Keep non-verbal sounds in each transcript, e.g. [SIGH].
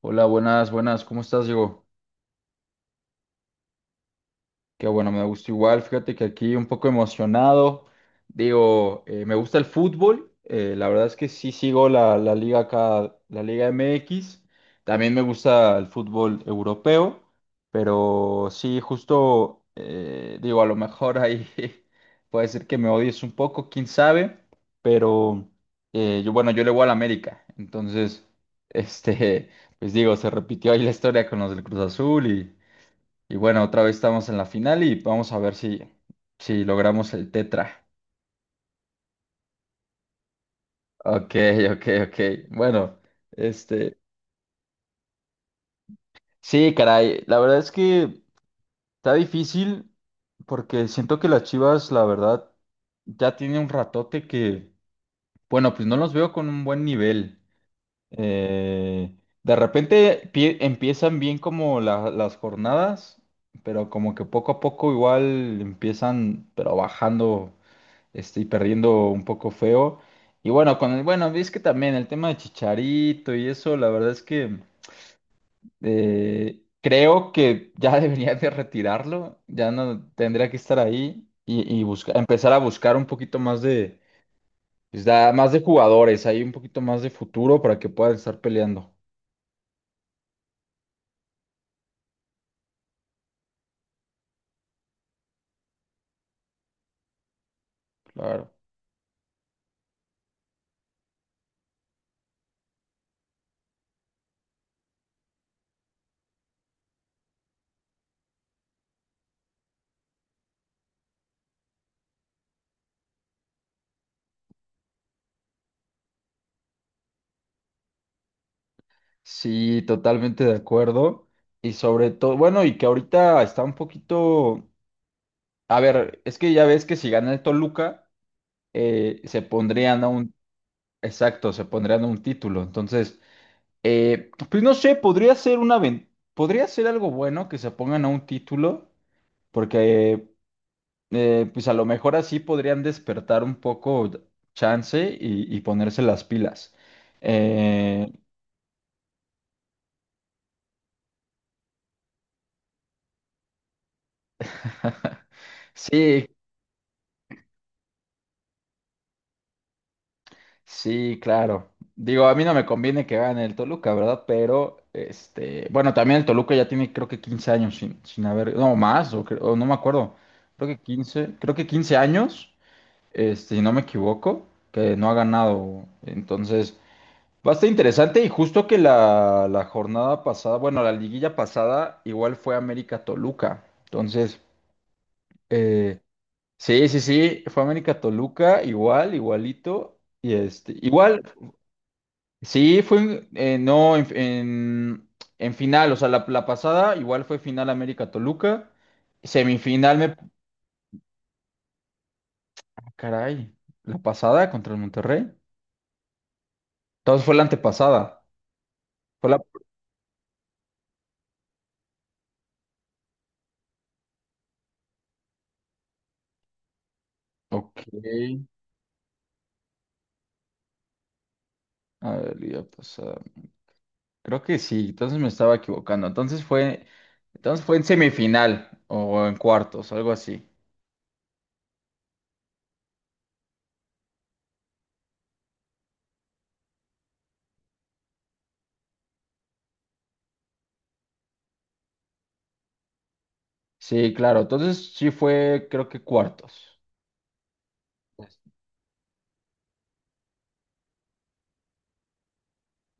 Hola, buenas, buenas, ¿cómo estás, Diego? Qué bueno, me gusta igual, fíjate que aquí un poco emocionado, digo, me gusta el fútbol, la verdad es que sí sigo la liga acá, la Liga MX, también me gusta el fútbol europeo, pero sí, justo, digo, a lo mejor ahí [LAUGHS] puede ser que me odies un poco, quién sabe, pero yo, bueno, yo le voy al América, entonces, [LAUGHS] este... Pues digo, se repitió ahí la historia con los del Cruz Azul y bueno, otra vez estamos en la final y vamos a ver si, si logramos el tetra. Ok, [LAUGHS] ok, ok. Bueno, este, sí, caray, la verdad es que está difícil porque siento que las Chivas, la verdad, ya tiene un ratote que, bueno, pues no los veo con un buen nivel. Eh, de repente empiezan bien como las jornadas, pero como que poco a poco igual empiezan, pero bajando. Y perdiendo un poco feo. Y bueno, con el, bueno, es que también el tema de Chicharito y eso, la verdad es que creo que ya [LAUGHS] debería de retirarlo, ya no tendría que estar ahí y buscar, empezar a buscar un poquito más de, pues, más de jugadores, ahí un poquito más de futuro para que puedan estar peleando. Claro. Sí, totalmente de acuerdo. Y sobre todo, bueno, y que ahorita está un poquito, a ver, es que ya ves que si gana el Toluca se pondrían a un, exacto, se pondrían a un título. Entonces, pues no sé, podría ser algo bueno que se pongan a un título, porque pues a lo mejor así podrían despertar un poco chance y ponerse las pilas. Eh, [LAUGHS] sí, Sí, claro. Digo, a mí no me conviene que gane el Toluca, ¿verdad? Pero, bueno, también el Toluca ya tiene creo que 15 años sin haber, no, más, o, o no me acuerdo, creo que 15, creo que 15 años, si no me equivoco, que no ha ganado. Entonces, bastante interesante y justo que la jornada pasada, bueno, la liguilla pasada igual fue América Toluca. Entonces, eh, sí, sí, sí, fue América Toluca, igual, igualito. Y este, igual, Sí, fue en- no en, en final, o sea, la pasada igual fue final América Toluca, semifinal me... ah, Caray, la pasada contra el Monterrey. Entonces fue la antepasada. Fue la... Ok. A ver, liga pasada. Creo que sí, entonces me estaba equivocando. Entonces fue en semifinal o en cuartos, algo así. Sí, claro, entonces sí fue, creo que cuartos.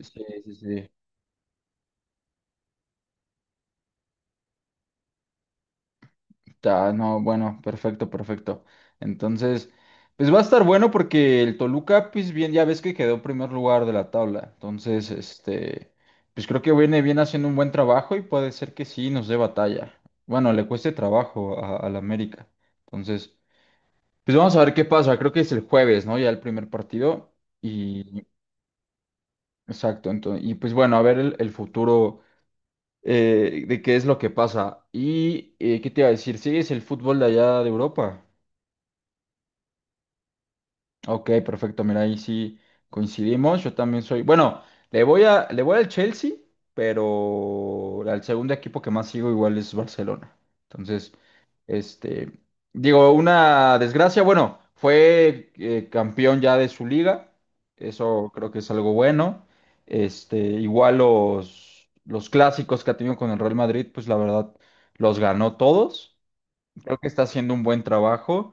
Sí, sí, sí. Ah, no, bueno, perfecto, perfecto. Entonces, pues va a estar bueno porque el Toluca, pues bien, ya ves que quedó en primer lugar de la tabla. Entonces, pues creo que viene bien haciendo un buen trabajo y puede ser que sí nos dé batalla. Bueno, le cueste trabajo al América. Entonces, pues vamos a ver qué pasa. Creo que es el jueves, ¿no? Ya el primer partido. Y, exacto, entonces, y pues bueno, a ver el futuro de qué es lo que pasa. Y, ¿qué te iba a decir? ¿Sigues el fútbol de allá de Europa? Ok, perfecto. Mira, ahí sí coincidimos. Yo también soy. Bueno, le voy al Chelsea, pero al segundo equipo que más sigo igual es Barcelona. Entonces, este, digo, una desgracia. Bueno, fue campeón ya de su liga. Eso creo que es algo bueno. Este, igual los clásicos que ha tenido con el Real Madrid, pues la verdad, los ganó todos. Creo que está haciendo un buen trabajo.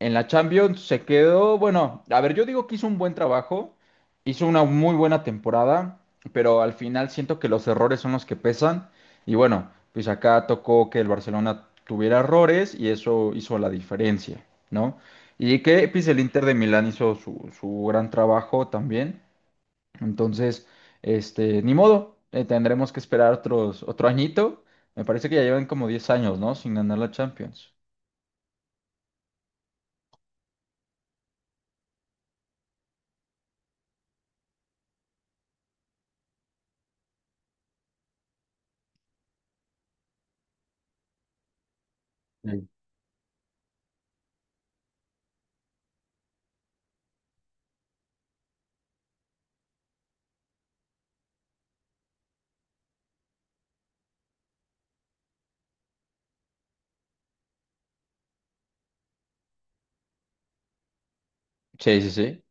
En la Champions se quedó, bueno, a ver, yo digo que hizo un buen trabajo, hizo una muy buena temporada, pero al final siento que los errores son los que pesan. Y bueno, pues acá tocó que el Barcelona tuviera errores y eso hizo la diferencia, ¿no? Y que pues el Inter de Milán hizo su gran trabajo también. Entonces, ni modo, tendremos que esperar otros, otro añito. Me parece que ya llevan como 10 años, ¿no? Sin ganar la Champions. Sí. Sí, sí, sí.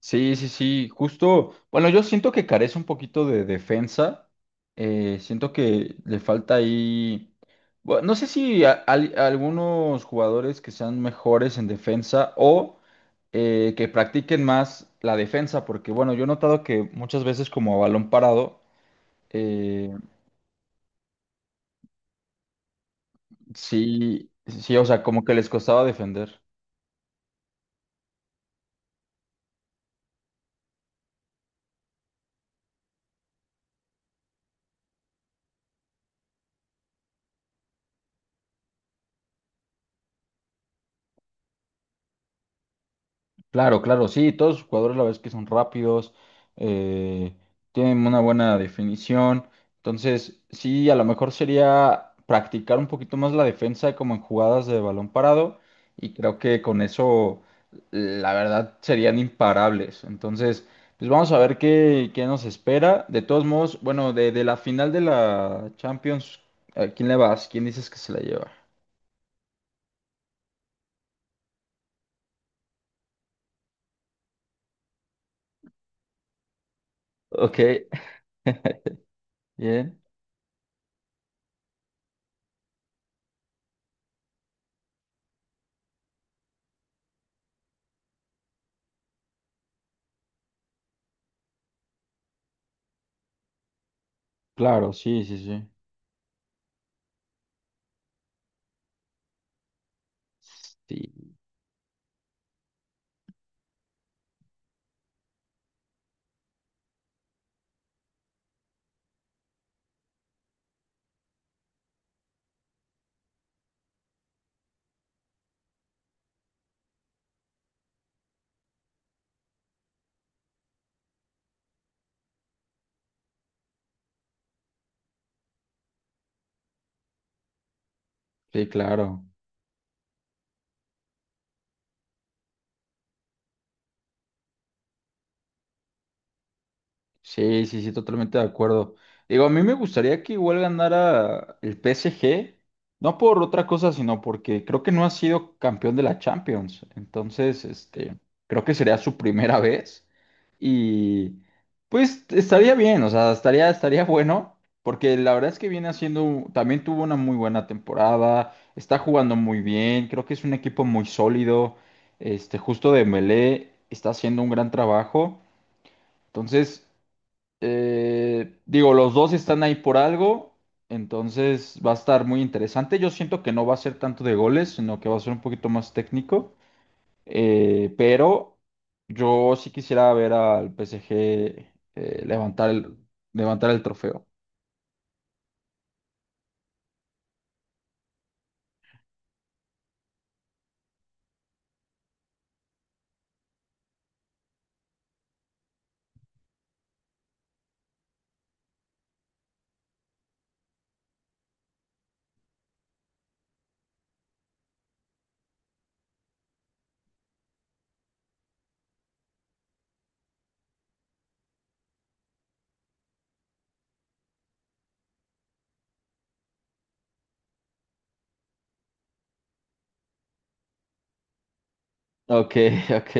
Sí, sí, sí, justo. Bueno, yo siento que carece un poquito de defensa. Siento que le falta ahí. Bueno, no sé si algunos jugadores que sean mejores en defensa o que practiquen más la defensa, porque bueno, yo he notado que muchas veces como a balón parado, eh, sí, sí, o sea, como que les costaba defender. Claro, claro, sí, todos los jugadores la verdad es que son rápidos, eh, tienen una buena definición, entonces sí, a lo mejor sería practicar un poquito más la defensa como en jugadas de balón parado y creo que con eso la verdad serían imparables, entonces pues vamos a ver qué, qué nos espera, de todos modos, bueno, de la final de la Champions, ¿a quién le vas? ¿Quién dices que se la lleva? Ok. Bien, claro, sí, sí, sí, sí, sí, claro. Sí, sí, sí, totalmente de acuerdo. Digo, a mí me gustaría que igual ganara el PSG, no por otra cosa, sino porque creo que no ha sido campeón de la Champions. Entonces, creo que sería su primera vez y pues estaría bien, o sea, estaría, estaría bueno, porque la verdad es que viene haciendo, también tuvo una muy buena temporada, está jugando muy bien, creo que es un equipo muy sólido, justo de Dembélé está haciendo un gran trabajo. Entonces, digo, los dos están ahí por algo, entonces va a estar muy interesante. Yo siento que no va a ser tanto de goles, sino que va a ser un poquito más técnico. Pero yo sí quisiera ver al PSG eh, levantar el, levantar el trofeo. Ok, [LAUGHS] ok,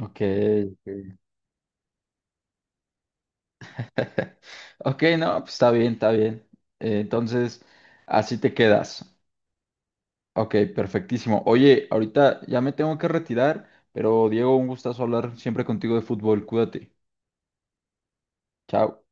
ok. Ok, no, pues está bien, está bien. Entonces, así te quedas. Ok, perfectísimo. Oye, ahorita ya me tengo que retirar, pero Diego, un gustazo hablar siempre contigo de fútbol. Cuídate. Chao.